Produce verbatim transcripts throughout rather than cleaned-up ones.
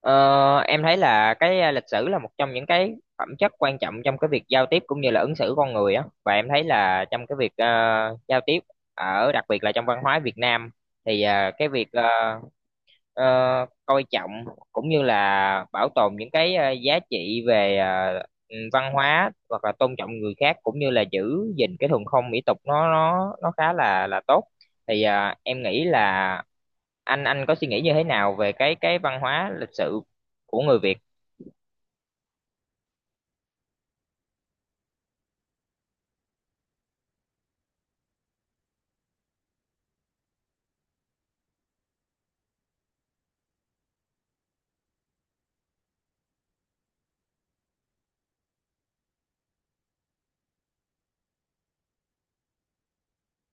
Ờ, em thấy là cái à, lịch sử là một trong những cái phẩm chất quan trọng trong cái việc giao tiếp cũng như là ứng xử con người á, và em thấy là trong cái việc ờ, giao tiếp, à, ở đặc biệt là trong văn hóa Việt Nam thì à, cái việc ờ, ờ, coi trọng cũng như là bảo tồn những cái ờ, giá trị về ờ, ừ, văn hóa hoặc là tôn trọng người khác cũng như là giữ gìn cái thuần phong mỹ tục, nó nó nó khá là là tốt. Thì ờ, em nghĩ là anh anh có suy nghĩ như thế nào về cái cái văn hóa lịch sự của người Việt?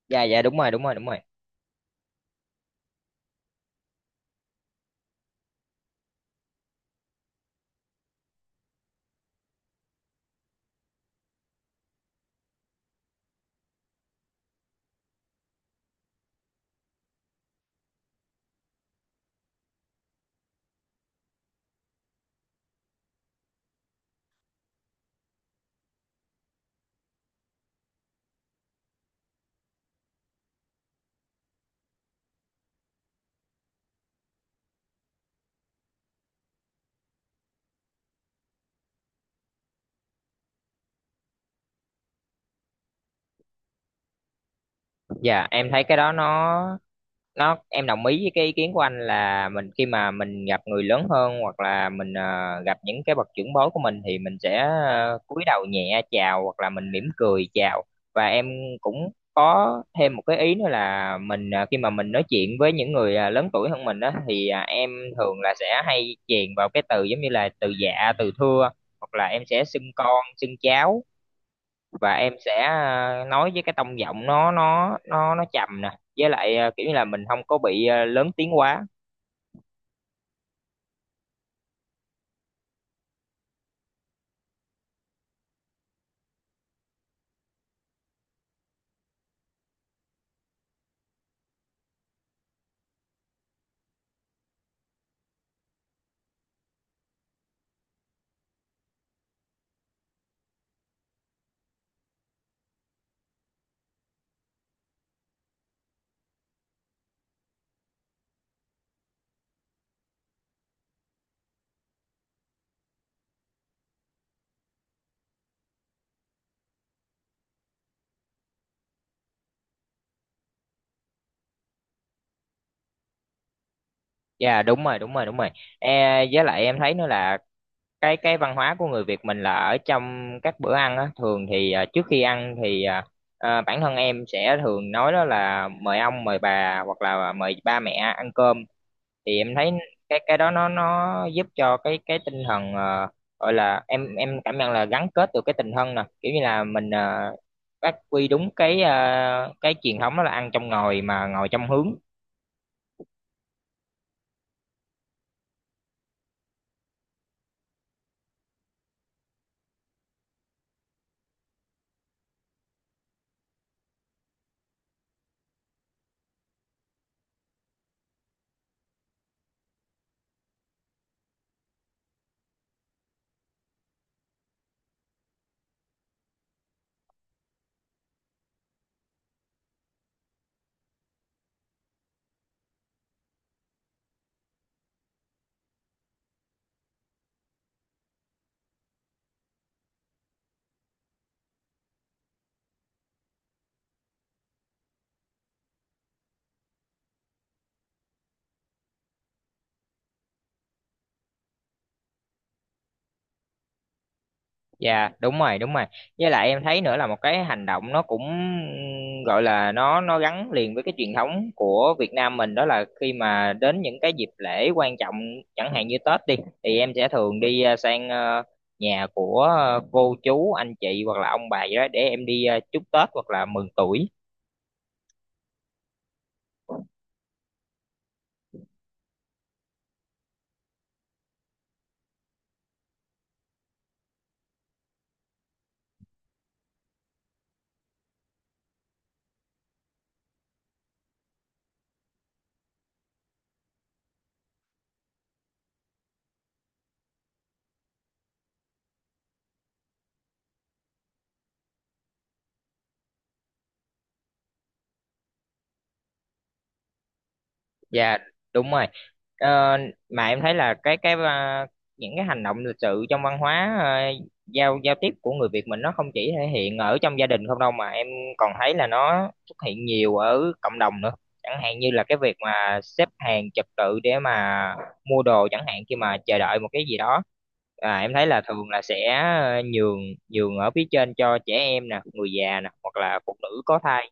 Dạ dạ đúng rồi đúng rồi đúng rồi. Dạ em thấy cái đó nó nó em đồng ý với cái ý kiến của anh là mình khi mà mình gặp người lớn hơn hoặc là mình ờ, gặp những cái bậc trưởng bối của mình thì mình sẽ ờ, cúi đầu nhẹ chào hoặc là mình mỉm cười chào. Và em cũng có thêm một cái ý nữa là mình ờ, khi mà mình nói chuyện với những người ờ, lớn tuổi hơn mình đó thì à, em thường là sẽ hay chèn vào cái từ giống như là từ dạ, từ thưa, hoặc là em sẽ xưng con, xưng cháu. Và em sẽ à, nói với cái tông giọng nó nó nó nó trầm nè, với lại à, kiểu như là mình không có bị à, lớn tiếng quá. Dạ đúng rồi đúng rồi đúng rồi. E, với lại em thấy nữa là cái cái văn hóa của người Việt mình là ở trong các bữa ăn á, thường thì à, trước khi ăn thì à, à, bản thân em sẽ thường nói đó là mời ông, mời bà, hoặc là mời ba mẹ ăn cơm. Thì em thấy cái cái đó nó nó giúp cho cái cái tinh thần, ờ, gọi là em em cảm nhận là gắn kết được cái tình thân nè, kiểu như là mình ờ, phát huy đúng cái ờ, cái truyền thống đó là ăn trong ngồi mà ngồi trong hướng. Dạ đúng rồi, đúng rồi. Với lại em thấy nữa là một cái hành động nó cũng gọi là nó nó gắn liền với cái truyền thống của Việt Nam mình, đó là khi mà đến những cái dịp lễ quan trọng chẳng hạn như Tết đi, thì em sẽ thường đi ờ, sang ờ, nhà của ờ, cô chú anh chị hoặc là ông bà gì đó, để em đi ờ, chúc Tết hoặc là mừng tuổi. Dạ đúng rồi. Ờ, mà em thấy là cái cái à, những cái hành động lịch sự trong văn hóa à, giao giao tiếp của người Việt mình nó không chỉ thể hiện ở trong gia đình không đâu, mà em còn thấy là nó xuất hiện nhiều ở cộng đồng nữa. Chẳng hạn như là cái việc mà xếp hàng trật tự để mà mua đồ chẳng hạn, khi mà chờ đợi một cái gì đó. À, em thấy là thường là sẽ ờ, nhường nhường ở phía trên cho trẻ em nè, người già nè, hoặc là phụ nữ có thai.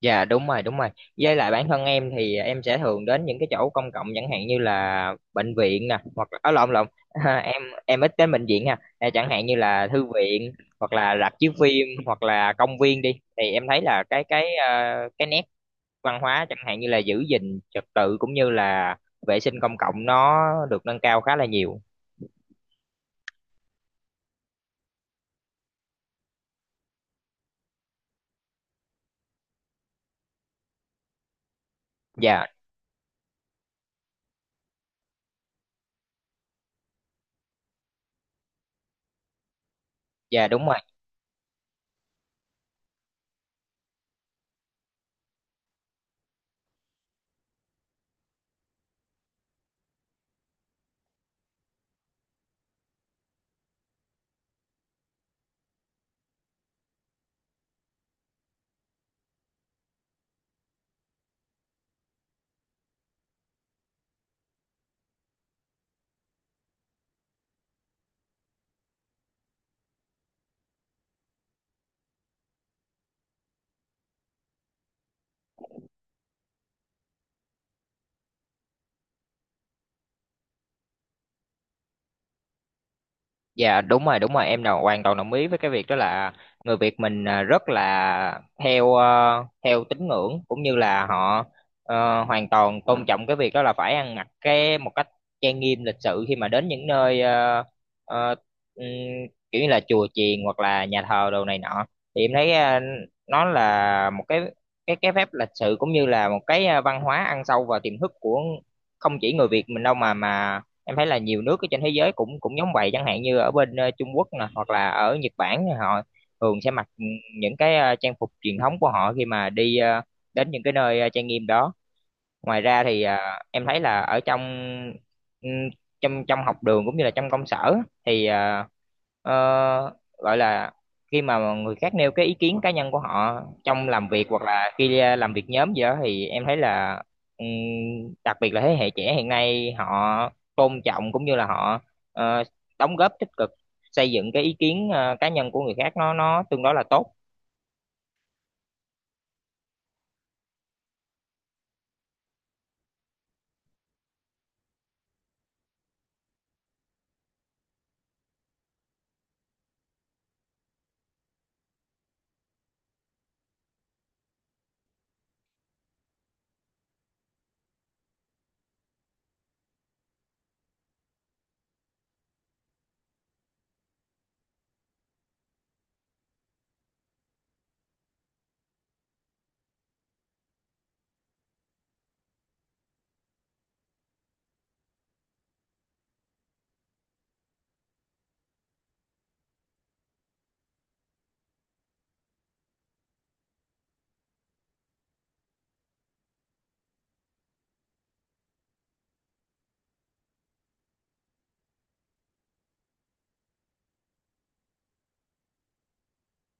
Dạ đúng rồi, đúng rồi. Với lại bản thân em thì em sẽ thường đến những cái chỗ công cộng chẳng hạn như là bệnh viện nè, hoặc là ở lộn lộn em em ít đến bệnh viện ha. À, chẳng hạn như là thư viện hoặc là rạp chiếu phim hoặc là công viên đi, thì em thấy là cái cái ờ, cái nét văn hóa chẳng hạn như là giữ gìn trật tự cũng như là vệ sinh công cộng nó được nâng cao khá là nhiều. Dạ, dạ đúng rồi. Dạ đúng rồi, đúng rồi, em nào hoàn toàn đồng ý với cái việc đó là người Việt mình à, rất là theo ờ, theo tín ngưỡng cũng như là họ ờ, hoàn toàn tôn trọng cái việc đó là phải ăn mặc cái một cách trang nghiêm lịch sự khi mà đến những nơi ờ, ờ, ừm, kiểu như là chùa chiền hoặc là nhà thờ đồ này nọ. Thì em thấy ờ, nó là một cái cái cái phép lịch sự cũng như là một cái ờ, văn hóa ăn sâu vào tiềm thức của không chỉ người Việt mình đâu, mà mà em thấy là nhiều nước ở trên thế giới cũng cũng giống vậy, chẳng hạn như ở bên ờ, Trung Quốc nè hoặc là ở Nhật Bản, thì họ thường sẽ mặc những cái ờ, trang phục truyền thống của họ khi mà đi ờ, đến những cái nơi ờ, trang nghiêm đó. Ngoài ra thì à, em thấy là ở trong ừm, trong trong học đường cũng như là trong công sở, thì à, ờ, gọi là khi mà người khác nêu cái ý kiến cá nhân của họ trong làm việc hoặc là khi à, làm việc nhóm gì đó, thì em thấy là ừm, đặc biệt là thế hệ trẻ hiện nay họ tôn trọng cũng như là họ ờ, đóng góp tích cực xây dựng cái ý kiến ờ, cá nhân của người khác nó nó tương đối là tốt.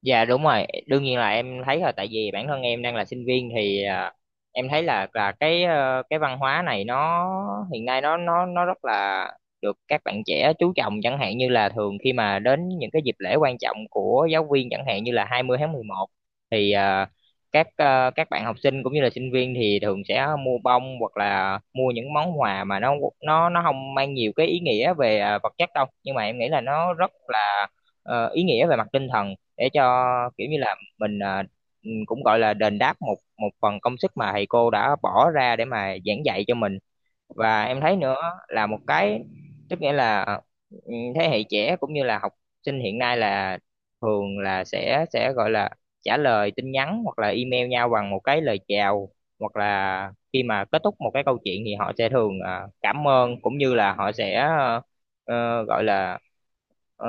Dạ đúng rồi, đương nhiên là em thấy, là tại vì bản thân em đang là sinh viên, thì à, em thấy là là cái ờ, cái văn hóa này nó hiện nay nó nó nó rất là được các bạn trẻ chú trọng, chẳng hạn như là thường khi mà đến những cái dịp lễ quan trọng của giáo viên chẳng hạn như là hai mươi tháng mười một, thì à, các ờ, các bạn học sinh cũng như là sinh viên thì thường sẽ mua bông hoặc là mua những món quà mà nó nó nó không mang nhiều cái ý nghĩa về à, vật chất đâu, nhưng mà em nghĩ là nó rất là ờ, ý nghĩa về mặt tinh thần, để cho kiểu như là mình à, ừ, cũng gọi là đền đáp một một phần công sức mà thầy cô đã bỏ ra để mà giảng dạy cho mình. Và em thấy nữa là một cái tức nghĩa là ừ, thế hệ trẻ cũng như là học sinh hiện nay là thường là sẽ sẽ gọi là trả lời tin nhắn hoặc là email nhau bằng một cái lời chào, hoặc là khi mà kết thúc một cái câu chuyện thì họ sẽ thường ờ, cảm ơn cũng như là họ sẽ ờ, ờ, gọi là ờ,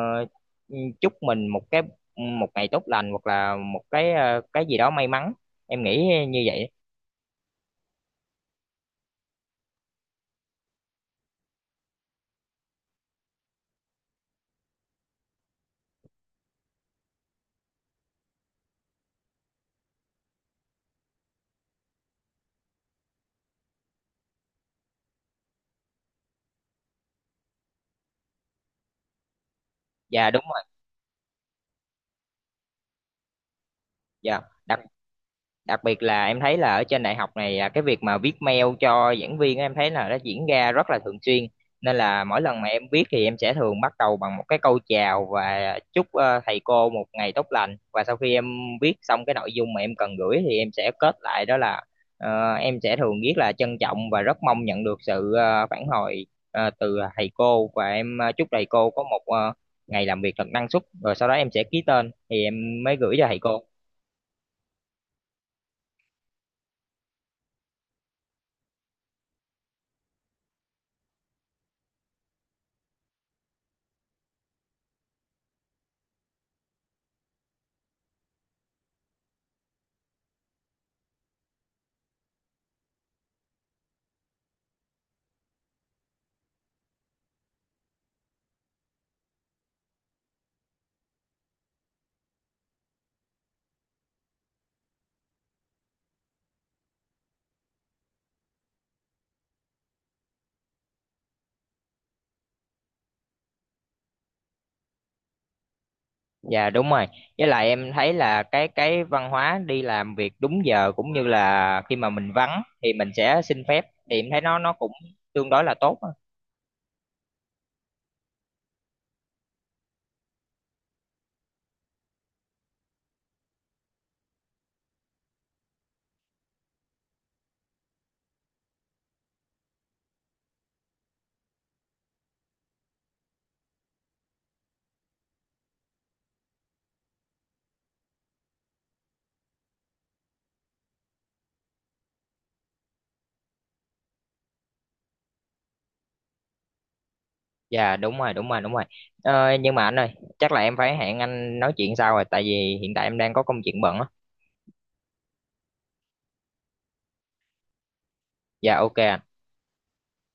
chúc mình một cái một ngày tốt lành hoặc là một cái ờ, cái gì đó may mắn, em nghĩ như vậy. Dạ đúng rồi. Dạ, đặc biệt là em thấy là ở trên đại học này, à, cái việc mà viết mail cho giảng viên á, em thấy là nó diễn ra rất là thường xuyên. Nên là mỗi lần mà em viết thì em sẽ thường bắt đầu bằng một cái câu chào và chúc ờ, thầy cô một ngày tốt lành, và sau khi em viết xong cái nội dung mà em cần gửi thì em sẽ kết lại, đó là ờ, em sẽ thường viết là trân trọng và rất mong nhận được sự ờ, phản hồi ờ, từ thầy cô, và em ờ, chúc thầy cô có một ờ, ngày làm việc thật năng suất, rồi sau đó em sẽ ký tên thì em mới gửi cho thầy cô. Dạ đúng rồi. Với lại em thấy là cái cái văn hóa đi làm việc đúng giờ cũng như là khi mà mình vắng thì mình sẽ xin phép, thì em thấy nó nó cũng tương đối là tốt á. Dạ đúng rồi, đúng rồi, đúng rồi. Ờ, nhưng mà anh ơi, chắc là em phải hẹn anh nói chuyện sau rồi, tại vì hiện tại em đang có công chuyện bận á. Dạ ok. Anh